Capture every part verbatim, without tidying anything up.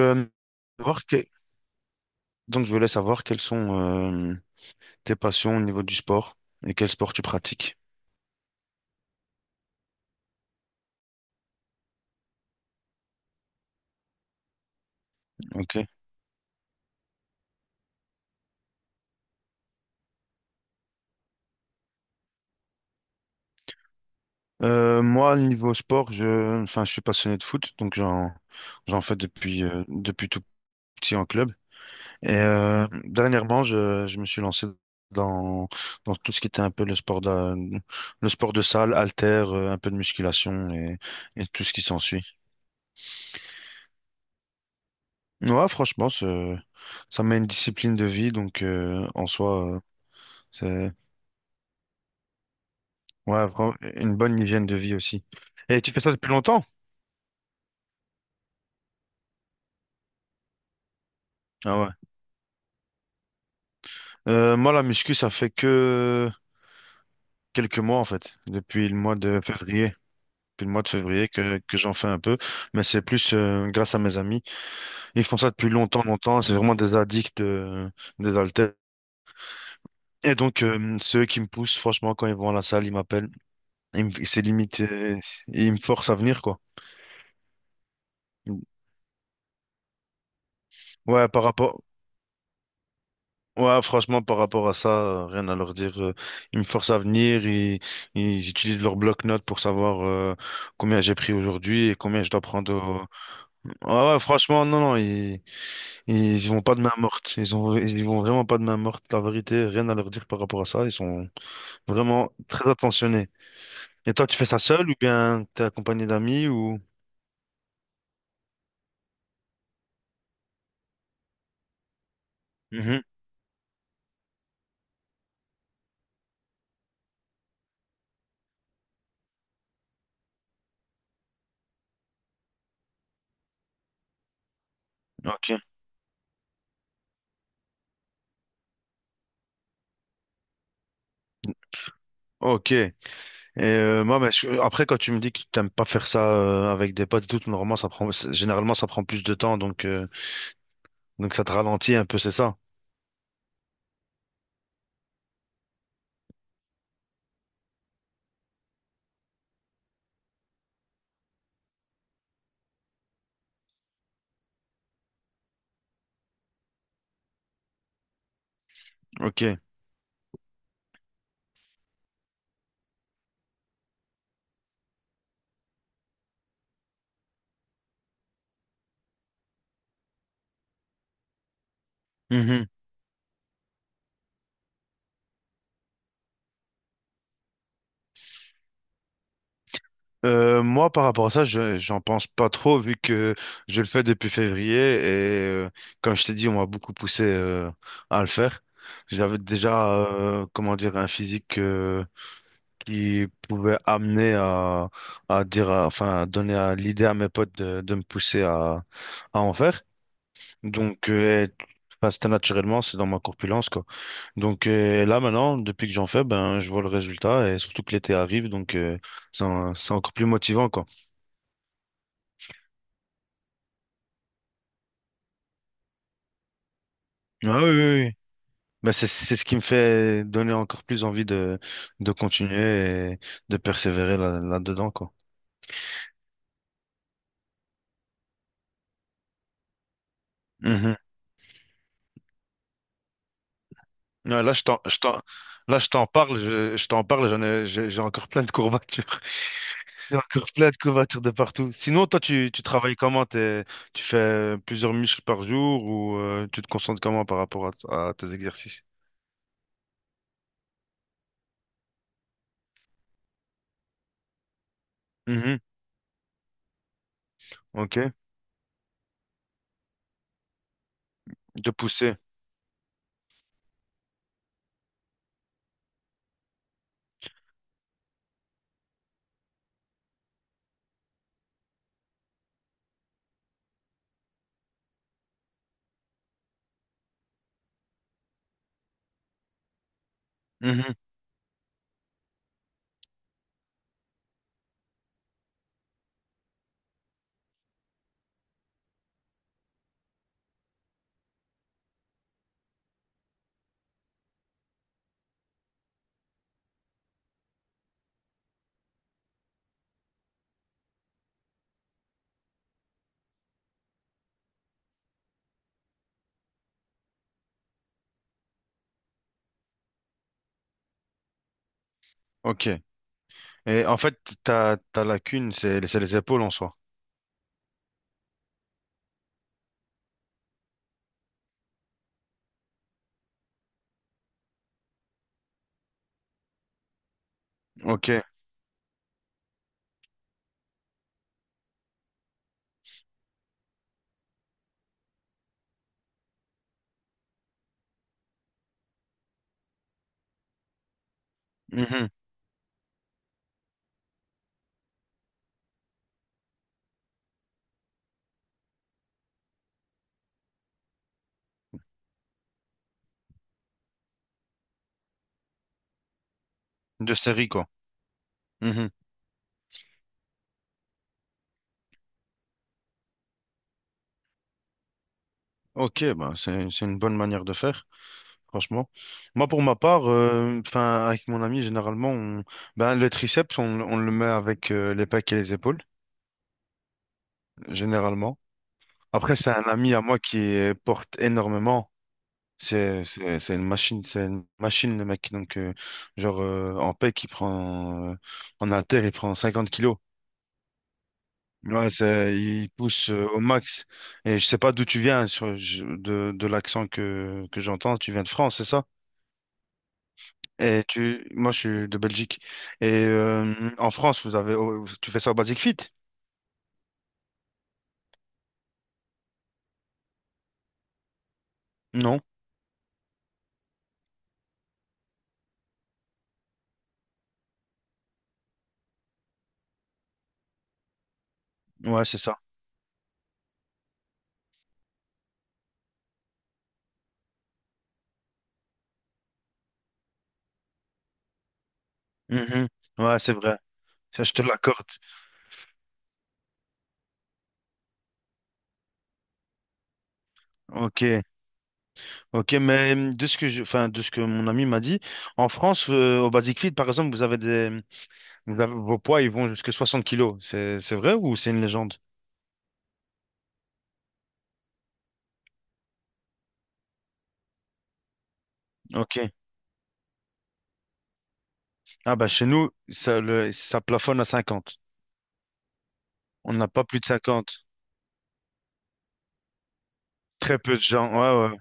Euh, voir que- Donc, je voulais savoir quelles sont euh, tes passions au niveau du sport et quel sport tu pratiques. Ok. Euh, moi, au niveau sport, je, enfin, je suis passionné de foot, donc j'en, j'en fais depuis, euh, depuis tout petit en club. Et euh, dernièrement, je, je me suis lancé dans, dans tout ce qui était un peu le sport de, le sport de salle, haltère, euh, un peu de musculation et, et tout ce qui s'ensuit. Ouais, franchement, c'est- ça met une discipline de vie, donc euh, en soi, euh, Ouais, vraiment, une bonne hygiène de vie aussi. Et tu fais ça depuis longtemps? Ah ouais. Euh, moi, la muscu, ça fait que quelques mois, en fait. Depuis le mois de février. Depuis le mois de février que, que j'en fais un peu. Mais c'est plus euh, grâce à mes amis. Ils font ça depuis longtemps, longtemps. C'est vraiment des addicts de, des haltères. Et donc, euh, c'est eux qui me poussent. Franchement, quand ils vont à la salle, ils m'appellent. Ils me- C'est limite, euh, ils me forcent à venir, quoi. Ouais, par rapport, Ouais, franchement, par rapport à ça, euh, rien à leur dire. euh, Ils me forcent à venir, ils, ils utilisent leur bloc-notes pour savoir euh, combien j'ai pris aujourd'hui et combien je dois prendre. au- Ouais, ouais, franchement, non, non, ils, ils y vont pas de main morte. Ils ont, ils y vont vraiment pas de main morte. La vérité, rien à leur dire par rapport à ça. Ils sont vraiment très attentionnés. Et toi, tu fais ça seul ou bien t'es accompagné d'amis ou... Mhm. Ok. Ok. Et euh, moi, bah, je- après, quand tu me dis que t'aimes pas faire ça euh, avec des potes et tout, normalement, ça prend, c'est- généralement, ça prend plus de temps, donc, euh, donc ça te ralentit un peu, c'est ça? Ok. Euh, moi, par rapport à ça, je, j'en pense pas trop vu que je le fais depuis février et euh, comme je t'ai dit, on m'a beaucoup poussé euh, à le faire. J'avais déjà, euh, comment dire, un physique euh, qui pouvait amener à, à dire, à- enfin, à donner à- l'idée à mes potes de, de me pousser à, à en faire. Donc, euh, et- enfin, c'était naturellement, c'est dans ma corpulence, quoi. Donc euh, là, maintenant, depuis que j'en fais, ben, je vois le résultat et surtout que l'été arrive, donc euh, c'est en- c'est encore plus motivant, quoi. Ah oui, oui, oui. Bah, c'est, c'est ce qui me fait donner encore plus envie de, de continuer et de persévérer là, là-dedans, quoi. Mhm. Ouais, là, je t'en, je t'en, là, je t'en parle, je, je t'en parle, j'en ai, j'ai j'ai encore plein de courbatures. J'ai encore plein de courbatures de partout. Sinon, toi, tu, tu travailles comment? T'es- tu fais plusieurs muscles par jour ou euh, tu te concentres comment par rapport à, à tes exercices? Mhm. Ok. De pousser. Mhm. Ok. Et en fait, ta, ta lacune, c'est, c'est les épaules en soi. Ok. Mhm. De série, quoi. Mhm. Ok, bah, c'est, c'est une bonne manière de faire, franchement. Moi, pour ma part, euh, enfin, avec mon ami, généralement, on, ben, le triceps, on, on le met avec euh, les pecs et les épaules, généralement. Après, c'est un ami à moi qui euh, porte énormément. C'est, c'est, c'est une machine, c'est une machine, le mec. Donc, euh, genre, euh, en pec, il prend, euh, en haltère, il prend cinquante kilos. Ouais, c'est, il pousse euh, au max. Et je sais pas d'où tu viens sur, je- de, de l'accent que, que j'entends. Tu viens de France, c'est ça? Et tu, moi, je suis de Belgique. Et euh, en France, vous avez, oh, tu fais ça au Basic Fit? Non? Ouais, c'est ça. Mhm. Ouais, c'est vrai. Ça, je te l'accorde. Ok, ok. Mais euh, de ce que je, enfin, de ce que mon ami m'a dit, en France, euh, au Basic Fit, par exemple, vous avez des, vous avez- vos poids, ils vont jusqu'à soixante kilos. C'est, c'est vrai ou c'est une légende? Ok. Ah bah chez nous, ça, le- ça plafonne à cinquante. On n'a pas plus de cinquante, Très peu de gens. Ouais, ouais.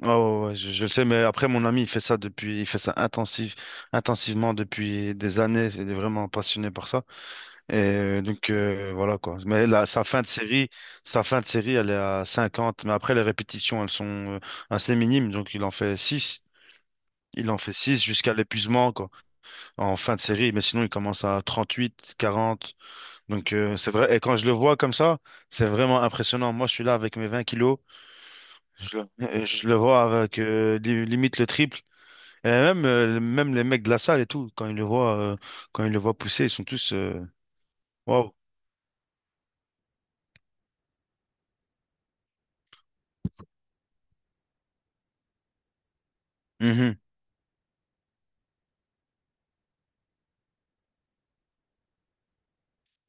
Ouais, ouais, ouais, je, je le sais, mais après mon ami, il fait ça depuis, il fait ça intensif, intensivement depuis des années. Il est vraiment passionné par ça. Et euh, donc euh, voilà quoi. Mais là, sa fin de série, sa fin de série, elle est à cinquante. Mais après les répétitions, elles sont euh, assez minimes. Donc il en fait six, Il en fait six jusqu'à l'épuisement quoi. En fin de série. Mais sinon, il commence à trente-huit, quarante. Donc, euh, c'est vrai. Et quand je le vois comme ça, c'est vraiment impressionnant. Moi, je suis là avec mes vingt kilos. Je le, euh, je le vois avec euh, li- limite le triple. Et même, euh, même les mecs de la salle et tout, quand ils le voient, euh, quand ils le voient pousser, ils sont tous euh, waouh. Mhm.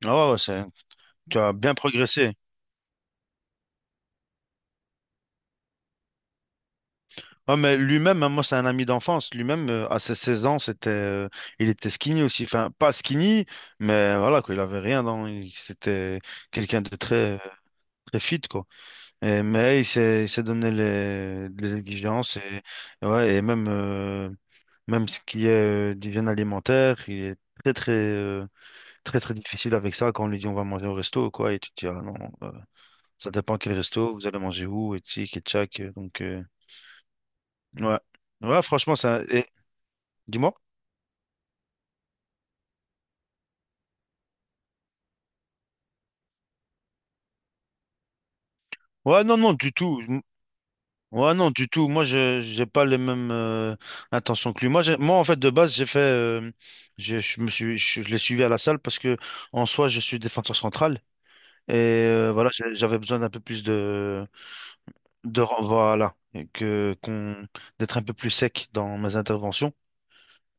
Ah ouais, ouais, c'est- tu as bien progressé. Ah, mais lui-même, hein, moi, c'est un ami d'enfance. Lui-même, euh, à ses seize ans, c'était, euh, il était skinny aussi. Enfin, pas skinny, mais voilà, quoi, il avait rien dans. il- C'était quelqu'un de très, euh, très fit, quoi. Et- mais il s'est, il s'est donné les, les exigences et, et ouais, et même, euh, même ce qui est euh, d'hygiène alimentaire, il est très, très, euh, très, très difficile avec ça quand on lui dit on va manger au resto, quoi. Et tu te dis, ah non, euh, ça dépend quel resto, vous allez manger où, et tic, et tchac. euh, Donc, euh, ouais. Ouais, franchement, ça. Et, dis-moi. Ouais, non, non, du tout. Ouais, non, du tout. Moi, je j'ai pas les mêmes euh, intentions que lui. Moi, j'ai- moi, en fait, de base, j'ai fait, euh, j'ai- je me suis, je, je l'ai suivi à la salle parce que, en soi, je suis défenseur central et euh, voilà, j'ai- j'avais besoin d'un peu plus de, de, ren- voilà, et que qu'on d'être un peu plus sec dans mes interventions.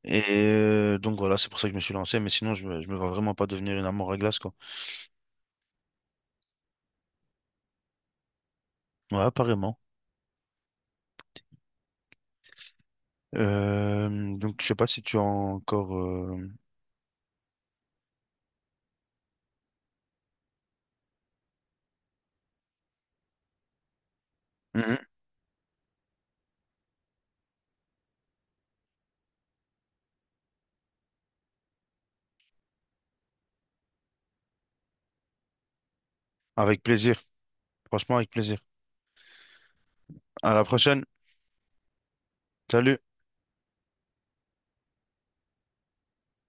Et euh, donc voilà, c'est pour ça que je me suis lancé. Mais sinon, je, me- je me vois vraiment pas devenir une armoire à glace, quoi. Ouais, apparemment. Euh, donc, je sais pas si tu as encore. euh, Mhm. Avec plaisir. Franchement, avec plaisir. À la prochaine. Salut.